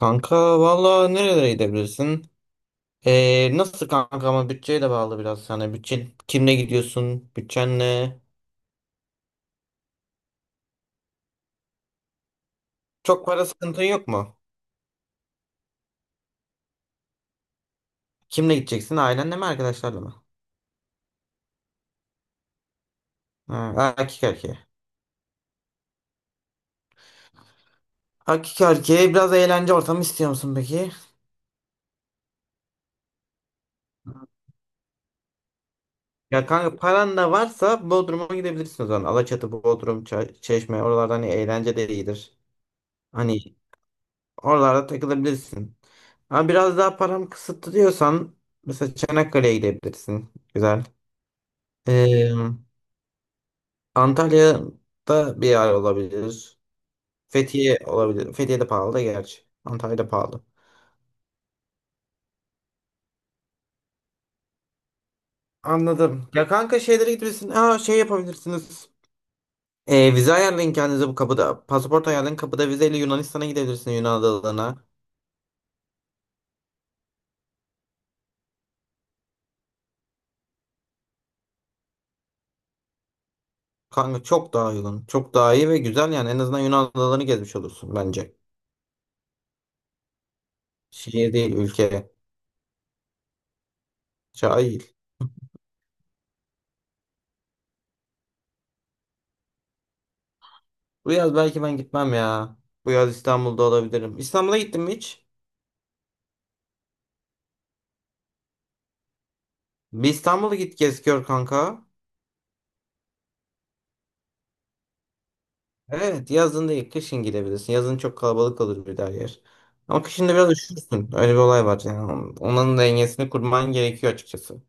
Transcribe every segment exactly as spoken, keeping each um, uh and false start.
Kanka valla nerelere gidebilirsin? Ee, nasıl kanka ama bütçeye de bağlı biraz. Hani bütçe kimle gidiyorsun? Bütçen ne? Çok para sıkıntın yok mu? Kimle gideceksin? Ailenle mi arkadaşlarla mı? Ha, Erkek erkeğe. Erkek erkeğe biraz eğlence ortamı istiyor musun peki? Ya kanka paran da varsa Bodrum'a gidebilirsin o zaman. Alaçatı, Bodrum, Ça- Çeşme oralarda hani eğlence de iyidir. Hani oralarda takılabilirsin. Ama biraz daha param kısıtlı diyorsan mesela Çanakkale'ye gidebilirsin. Güzel. Ee, Antalya'da bir yer olabilir. Fethiye olabilir. Fethiye de pahalı da gerçi. Antalya da pahalı. Anladım. Ya kanka şeylere gidebilirsiniz. Aa şey yapabilirsiniz. Ee, vize ayarlayın kendinize bu kapıda. Pasaport ayarlayın kapıda vizeyle Yunanistan'a gidebilirsiniz Yunan adalarına. Kanka çok daha uygun. Çok daha iyi ve güzel yani. En azından Yunan adalarını gezmiş olursun bence. Şehir değil ülke. Cahil. Bu yaz belki ben gitmem ya. Bu yaz İstanbul'da olabilirim. İstanbul'a gittin mi hiç? Bir İstanbul'a git gez gör kanka. Evet yazın değil kışın gidebilirsin. Yazın çok kalabalık olur bir daha yer. Ama kışın da biraz üşürsün. Öyle bir olay var yani. Onun dengesini kurman gerekiyor açıkçası.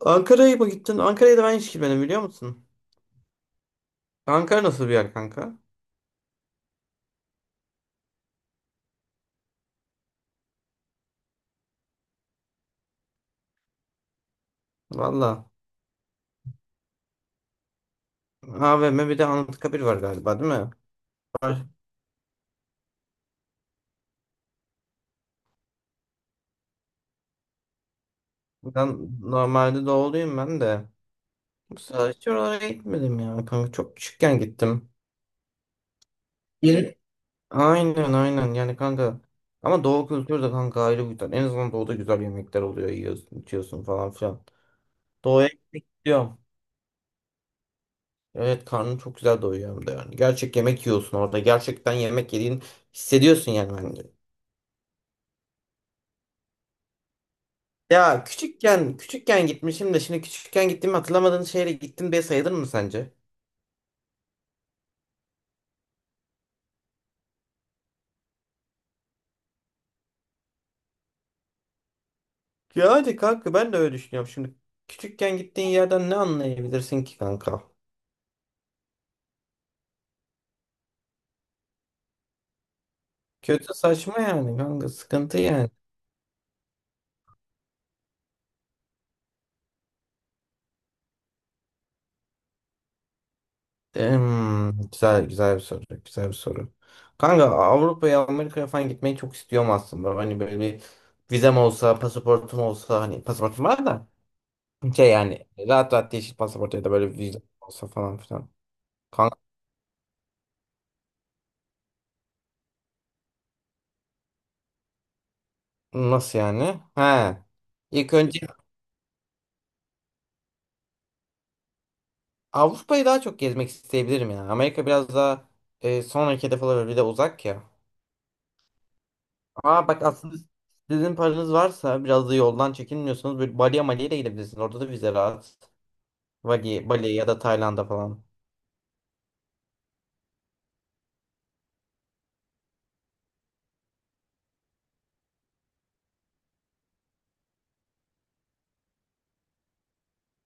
Ankara'ya mı gittin? Ankara'ya da ben hiç gitmedim biliyor musun? Ankara nasıl bir yer kanka? Valla. A V M bir de Anıtkabir var galiba değil mi? Var. Ben normalde doğuluyum ben de. Bu sefer hiç oralara gitmedim ya kanka. Çok küçükken gittim. Benim Aynen aynen yani kanka. Ama doğu kültürü de kanka ayrı bir güzel. En azından doğuda güzel yemekler oluyor. Yiyorsun, içiyorsun falan filan. Doğuya gitmek istiyorum. Evet karnım çok güzel doyuyor hem de yani. Gerçek yemek yiyorsun orada. Gerçekten yemek yediğini hissediyorsun yani bence. Ya küçükken küçükken gitmişim de şimdi küçükken gittiğimi hatırlamadığın şehre gittim diye sayılır mı sence? Yani kanka ben de öyle düşünüyorum. Şimdi küçükken gittiğin yerden ne anlayabilirsin ki kanka? Kötü saçma yani kanka sıkıntı yani. Em, güzel güzel bir soru. Güzel bir soru. Kanka Avrupa'ya Amerika'ya falan gitmeyi çok istiyorum aslında. Hani böyle bir vizem olsa, pasaportum olsa hani pasaportum var da şey yani rahat rahat yeşil pasaport ya da böyle bir vize olsa falan filan. Kanka nasıl yani? He. İlk önce Avrupa'yı daha çok gezmek isteyebilirim ya. Amerika biraz daha e, sonraki hedef olabilir. Bir de uzak ya. Aa bak aslında sizin paranız varsa biraz da yoldan çekinmiyorsanız böyle Bali'ye Mali'ye de gidebilirsiniz. Orada da vize rahat. Bali, Bali ya da Tayland'a falan.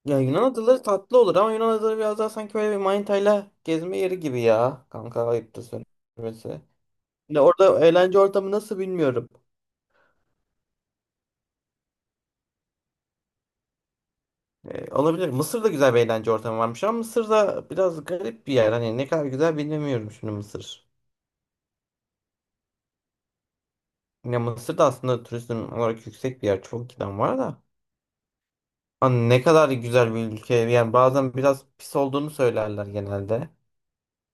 Ya Yunan adaları tatlı olur ama Yunan adaları biraz daha sanki böyle bir manitayla gezme yeri gibi ya. Kanka ayıptır söylemesi. Ya orada eğlence ortamı nasıl bilmiyorum. Ee, olabilir. Mısır'da güzel bir eğlence ortamı varmış ama Mısır'da biraz garip bir yer. Hani ne kadar güzel bilmiyorum şimdi Mısır. Ya Mısır da aslında turizm olarak yüksek bir yer. Çok giden var da. Hani ne kadar güzel bir ülke. Yani bazen biraz pis olduğunu söylerler genelde.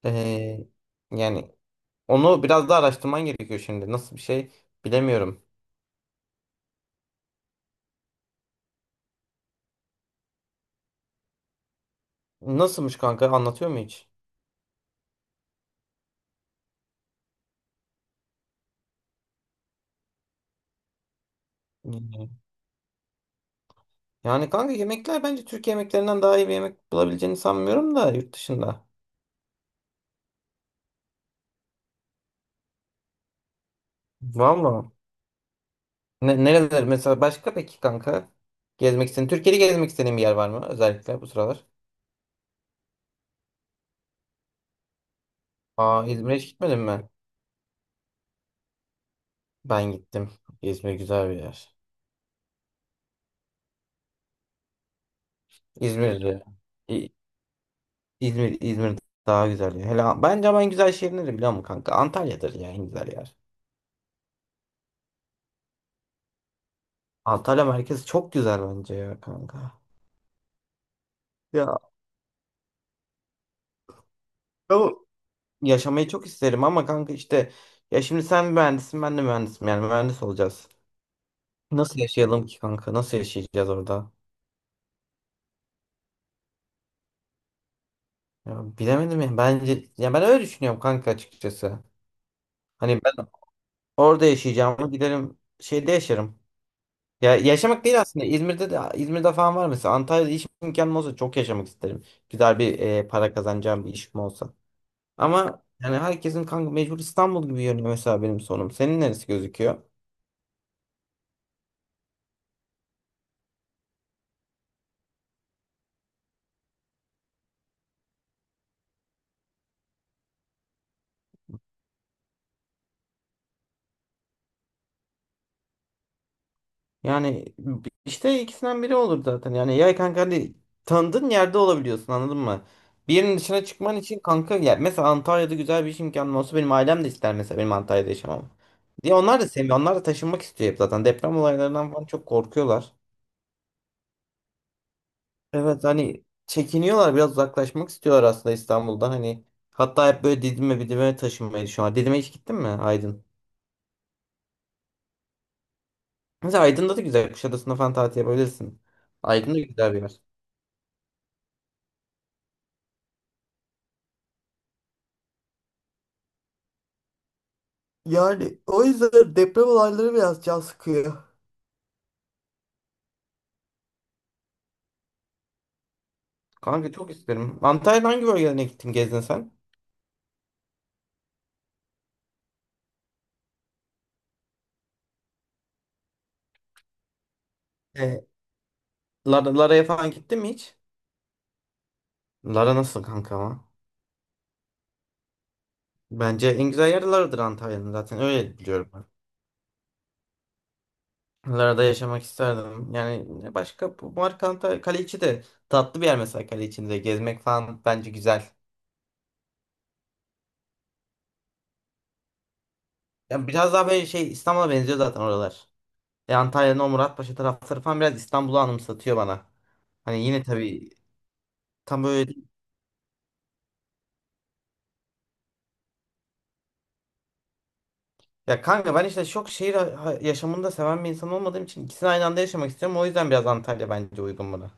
Ee, yani Onu biraz daha araştırman gerekiyor şimdi. Nasıl bir şey bilemiyorum. Nasılmış kanka anlatıyor mu hiç? Yani Yani kanka yemekler bence Türkiye yemeklerinden daha iyi bir yemek bulabileceğini sanmıyorum da yurt dışında. Valla. Ne, nereler mesela başka peki kanka? Gezmek istediğin, Türkiye'de gezmek istediğin bir yer var mı özellikle bu sıralar? Aa İzmir'e hiç gitmedin mi? Ben gittim. İzmir güzel bir yer. İzmir, İ- İzmir, İzmir daha güzel. Ya. Hele bence ama en güzel şehir nedir biliyor musun kanka? Antalya'dır ya en güzel yer. Antalya merkez çok güzel bence ya kanka. Ya ama yaşamayı çok isterim ama kanka işte ya şimdi sen mühendisin ben de mühendisim yani mühendis olacağız. Nasıl yaşayalım ki kanka? Nasıl yaşayacağız orada? Ya bilemedim ya. Bence ya ben öyle düşünüyorum kanka açıkçası. Hani ben orada yaşayacağımı giderim şeyde yaşarım. Ya yaşamak değil aslında. İzmir'de de İzmir'de falan var mesela. Antalya'da iş imkanım olsa çok yaşamak isterim. Güzel bir e, para kazanacağım bir işim olsa. Ama yani herkesin kanka mecbur İstanbul gibi görünüyor mesela benim sonum. Senin neresi gözüküyor? Yani b- işte ikisinden biri olur zaten. Yani ya kanka hani tanıdığın yerde olabiliyorsun anladın mı? Bir yerin dışına çıkman için kanka ya mesela Antalya'da güzel bir iş imkanım olsa benim ailem de ister mesela benim Antalya'da yaşamam. Diye onlar da seviyor. Onlar da taşınmak istiyor hep zaten. Deprem olaylarından falan çok korkuyorlar. Evet hani çekiniyorlar biraz uzaklaşmak istiyorlar aslında İstanbul'dan. Hani hatta hep böyle Didim'e Didim'e taşınmayı düşünüyorlar. Didim'e hiç gittin mi Aydın? Mesela Aydın'da da güzel. Kuşadası'nda falan tatil yapabilirsin. Aydın da güzel bir yer. Yani o yüzden deprem olayları biraz can sıkıyor. Kanka çok isterim. Antalya'da hangi bölgelerine gittin gezdin sen? E, Lara, Lara'ya falan gittin mi hiç? Lara nasıl kanka ama? Bence en güzel yer Lara'dır Antalya'nın zaten öyle biliyorum ben. Lara'da yaşamak isterdim. Yani ne başka bu marka Antalya Kaleiçi de tatlı bir yer mesela Kaleiçi'nde gezmek falan bence güzel. Yani biraz daha böyle şey İstanbul'a benziyor zaten oralar. E, Antalya'nın o Muratpaşa tarafları falan biraz İstanbul'u anımsatıyor bana. Hani yine tabii tam böyle değil. Ya kanka ben işte çok şehir ha- ha- yaşamını da seven bir insan olmadığım için ikisini aynı anda yaşamak istiyorum. O yüzden biraz Antalya bence uygun buna.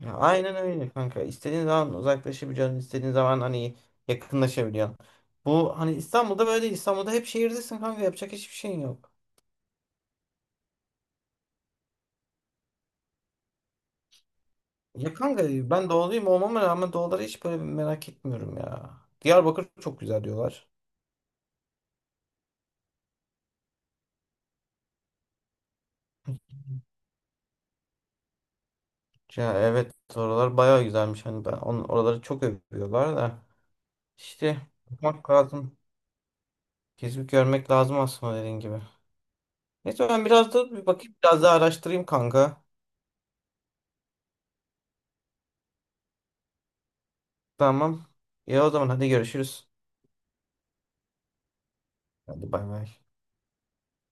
Ya aynen öyle kanka. İstediğin zaman uzaklaşabiliyorsun. İstediğin zaman hani yakınlaşabiliyorsun. Bu hani İstanbul'da böyle değil. İstanbul'da hep şehirdesin kanka. Yapacak hiçbir şeyin yok. Ya kanka ben doğuluyum olmama rağmen doğuları hiç böyle merak etmiyorum ya. Diyarbakır çok güzel diyorlar. Ya evet oralar bayağı güzelmiş. Hani ben on, oraları çok övüyorlar da. İşte bakmak lazım. Gezip görmek lazım aslında dediğin gibi. Neyse ben biraz da bir bakayım biraz daha araştırayım kanka. Tamam. İyi o zaman hadi görüşürüz. Hadi bay bay.